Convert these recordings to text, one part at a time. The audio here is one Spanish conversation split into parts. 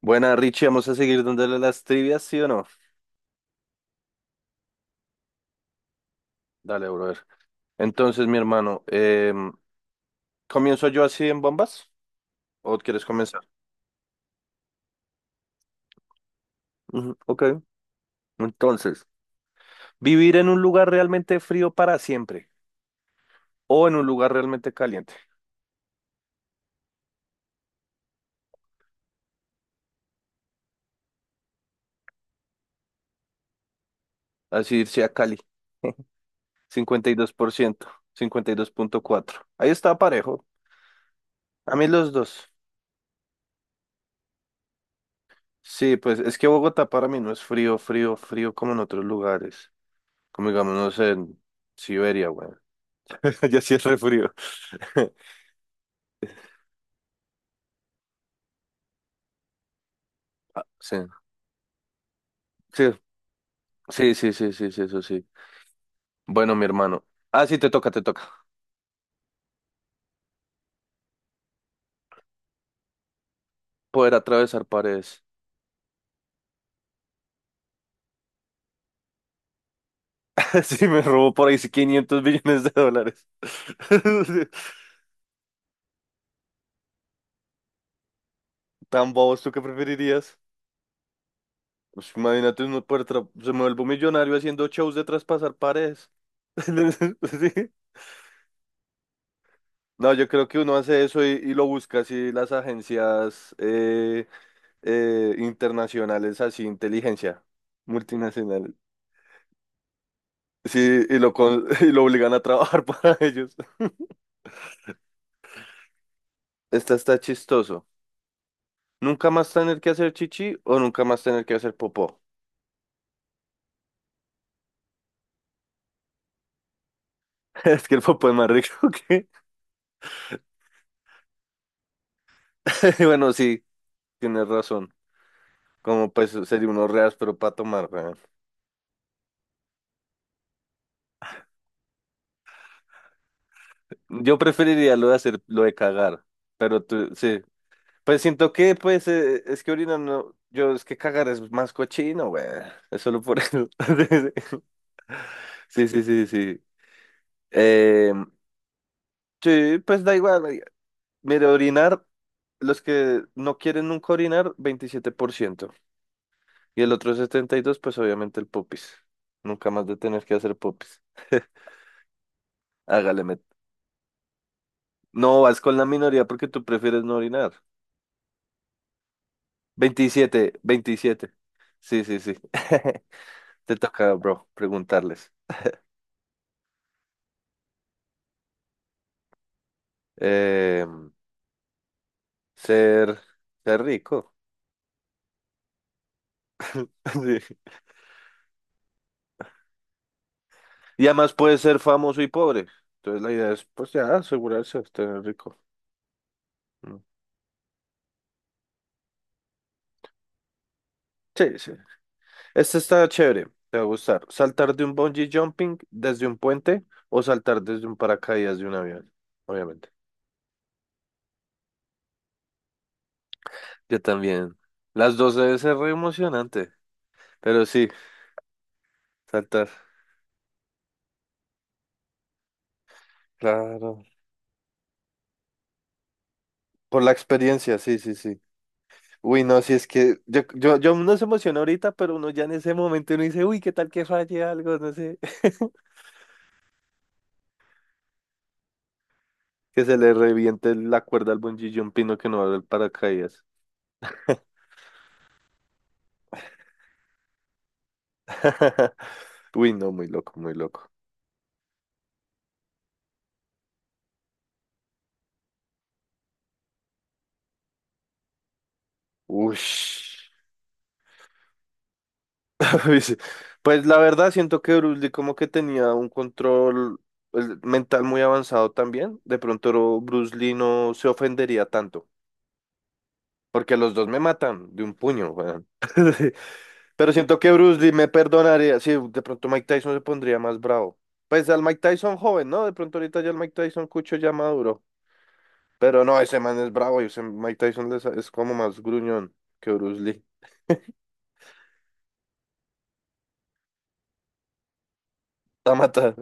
Buena, Richie, vamos a seguir dándole las trivias, ¿sí o no? Dale, brother. Entonces, mi hermano, ¿comienzo yo así en bombas? ¿O quieres comenzar? Ujú, ok. Entonces, ¿vivir en un lugar realmente frío para siempre o en un lugar realmente caliente? Así irse a Cali. Cincuenta y dos por ciento, 52,4. Ahí está parejo. A mí los dos. Sí, pues es que Bogotá para mí no es frío, frío, frío como en otros lugares. Como digamos, no sé, en Siberia, güey. Ya sí es re frío. Sí, sí, sí, sí, sí, sí, sí, eso sí. Bueno, mi hermano. Ah, sí, te toca, te toca. Poder atravesar paredes. Sí, me robó por ahí 500 billones de dólares. Tan bobos, ¿tú qué preferirías? Pues imagínate uno poder se me vuelve millonario haciendo shows de traspasar paredes. Sí. No, yo creo que uno hace eso y lo busca así las agencias internacionales, así inteligencia multinacional. Sí, y y lo obligan a trabajar para ellos. Esta está chistoso. ¿Nunca más tener que hacer chichi o nunca más tener que hacer popó? Es que el popó es más rico que... Bueno, sí, tienes razón. Como pues sería unos reas, pero para tomar, weón. Yo preferiría lo de hacer, lo de cagar. Pero tú, sí. Pues siento que, pues, es que orinar no... Yo, es que cagar es más cochino, güey. Es solo por eso. Sí, sí, sí, sí. Eh, sí, pues da igual, marica. Mire, orinar... Los que no quieren nunca orinar, 27%. Y el otro 72 pues obviamente el popis. Nunca más de tener que hacer popis. Hágale, met. No, vas con la minoría porque tú prefieres no orinar. Veintisiete, veintisiete. Sí, sí, sí. Te toca, bro, preguntarles. Eh, ser, ser rico. Sí. Y además puedes ser famoso y pobre. Entonces la idea es, pues ya, asegurarse de estar rico. Mm. Sí, sí. Este está chévere, te va a gustar. Saltar de un bungee jumping desde un puente o saltar desde un paracaídas de un avión, obviamente. Yo también. Las dos debe ser re emocionante, pero sí, saltar, claro. Por la experiencia, sí, sí, sí. Uy, no, si es que yo uno se emociona ahorita, pero uno ya en ese momento uno dice, uy, qué tal que falle algo, no sé, que se le reviente la cuerda al bungee jumping o que no abra el paracaídas. Uy, no, muy loco, muy loco. Ush. Pues pues la verdad siento que Bruce Lee como que tenía un control, pues, mental muy avanzado también. De pronto Bruce Lee no se ofendería tanto, porque los dos me matan de un puño, weón. Pero siento que Bruce Lee me perdonaría. Sí, de pronto Mike Tyson se pondría más bravo. Pues al Mike Tyson joven, ¿no? De pronto ahorita ya el Mike Tyson cucho ya maduro. Pero no, ese man es bravo y ese Mike Tyson es como más gruñón que Bruce Lee. La mata.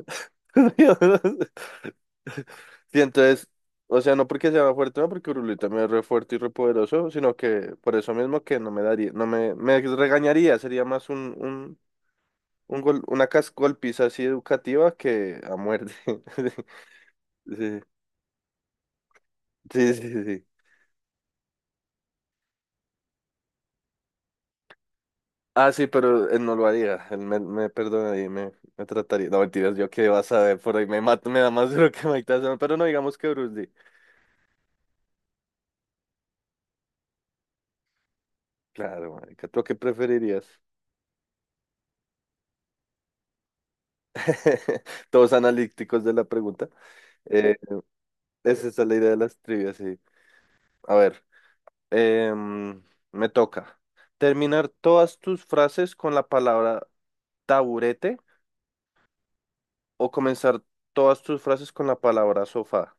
Sí, entonces, o sea, no porque sea más fuerte, no porque Uruli también es re fuerte y re poderoso, sino que por eso mismo que no me daría, no me regañaría, sería más una golpiza así educativa que a muerte. Sí, sí, sí, sí. Ah, sí, pero él no lo haría, él me perdonaría y me trataría. No, mentiras, yo qué vas a ver, por ahí me mato, me da más duro que Mike Tyson, pero no digamos que Bruce Lee. Claro, marica, ¿tú qué preferirías? Todos analíticos de la pregunta. Eh, Esa es la idea de las trivias, sí. A ver, em, me toca. Terminar todas tus frases con la palabra taburete o comenzar todas tus frases con la palabra sofá.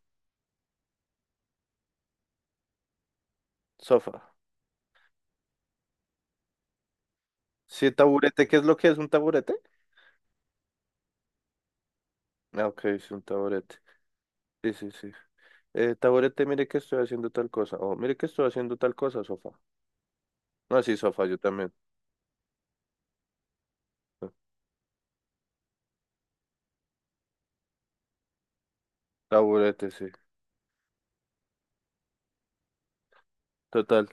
Sofá. Sí, taburete, ¿qué es lo que es un taburete? Ah, ok, es un taburete. Sí, sí, sí. Taburete, mire que estoy haciendo tal cosa. O mire que estoy haciendo tal cosa, sofá. No, sí, sofá, yo también. Taburete, sí. Total.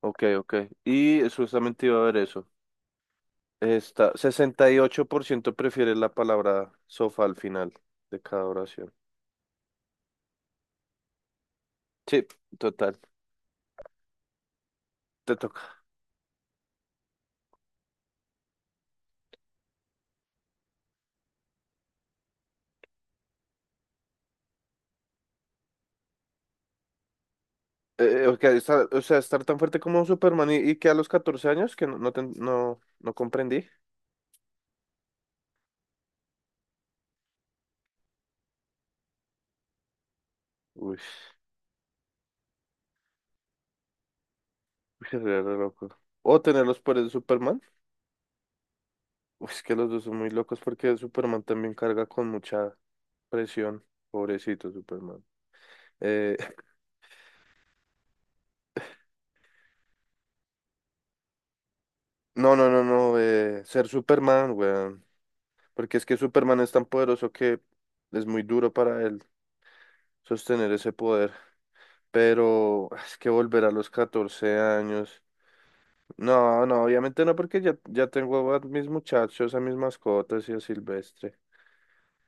Ok, ok. Y justamente iba a ver eso. Está, 68% prefiere la palabra sofá al final de cada oración. Sí, total, te toca. Ok, o sea, estar tan fuerte como un Superman y que a los 14 años que no, no comprendí. Uy, es re loco. O tener los poderes de Superman. Uy, es que los dos son muy locos porque Superman también carga con mucha presión. Pobrecito Superman. Eh, no, no, no, no. Ser Superman, weón. Porque es que Superman es tan poderoso que es muy duro para él sostener ese poder. Pero es que volver a los 14 años. No, no, obviamente no, porque ya, tengo a mis muchachos, a mis mascotas y a Silvestre.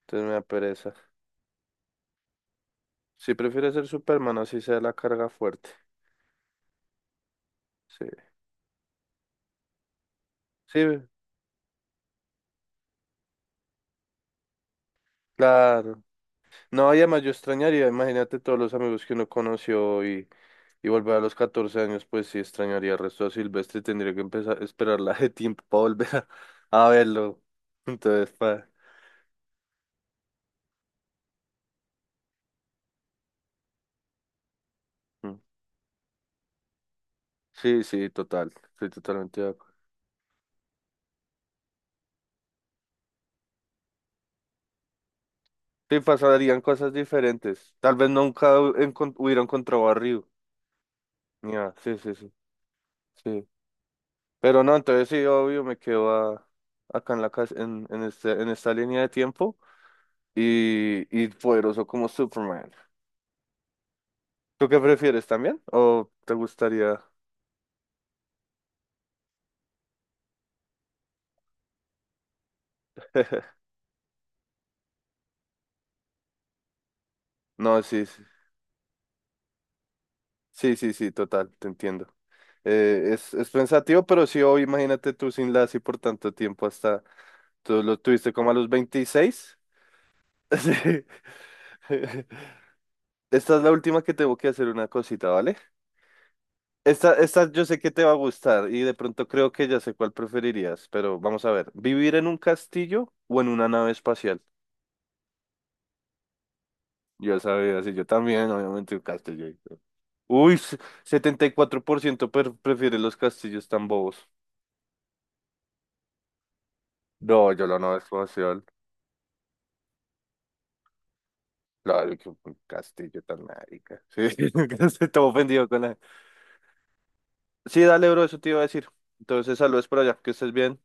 Entonces me da pereza. Sí, prefiero ser Superman, así sea la carga fuerte. Sí, sí, claro. No, y además yo extrañaría, imagínate todos los amigos que uno conoció y volver a los 14 años, pues sí extrañaría el resto de Silvestre, tendría que empezar a esperar la de tiempo para volver a, a verlo. Entonces, mm. Sí, sí, total, estoy totalmente de acuerdo. Sí, pasarían cosas diferentes. Tal vez nunca hubiera encontrado a Ryu. Ya, sí, sí, sí, sí. Pero no, entonces sí, obvio, me quedo acá en la casa, en esta línea de tiempo y poderoso como Superman. ¿Tú qué prefieres también? ¿O te gustaría? No, sí, sí. Sí, sí, sí, total, te entiendo. Es pensativo, pero sí, hoy imagínate tú sin la así por tanto tiempo hasta, tú lo tuviste como a los 26. Sí. Esta es la última que tengo que hacer una cosita, ¿vale? Esta yo sé que te va a gustar y de pronto creo que ya sé cuál preferirías, pero vamos a ver, ¿vivir en un castillo o en una nave espacial? Yo sabía, sí, yo también, obviamente un castillo. Uy, 74% prefiere los castillos tan bobos. No, yo la nave espacial. Claro, que un castillo tan marica. Sí, estoy ofendido con la... Sí, dale, bro, eso te iba a decir. Entonces, saludos por allá, que estés bien.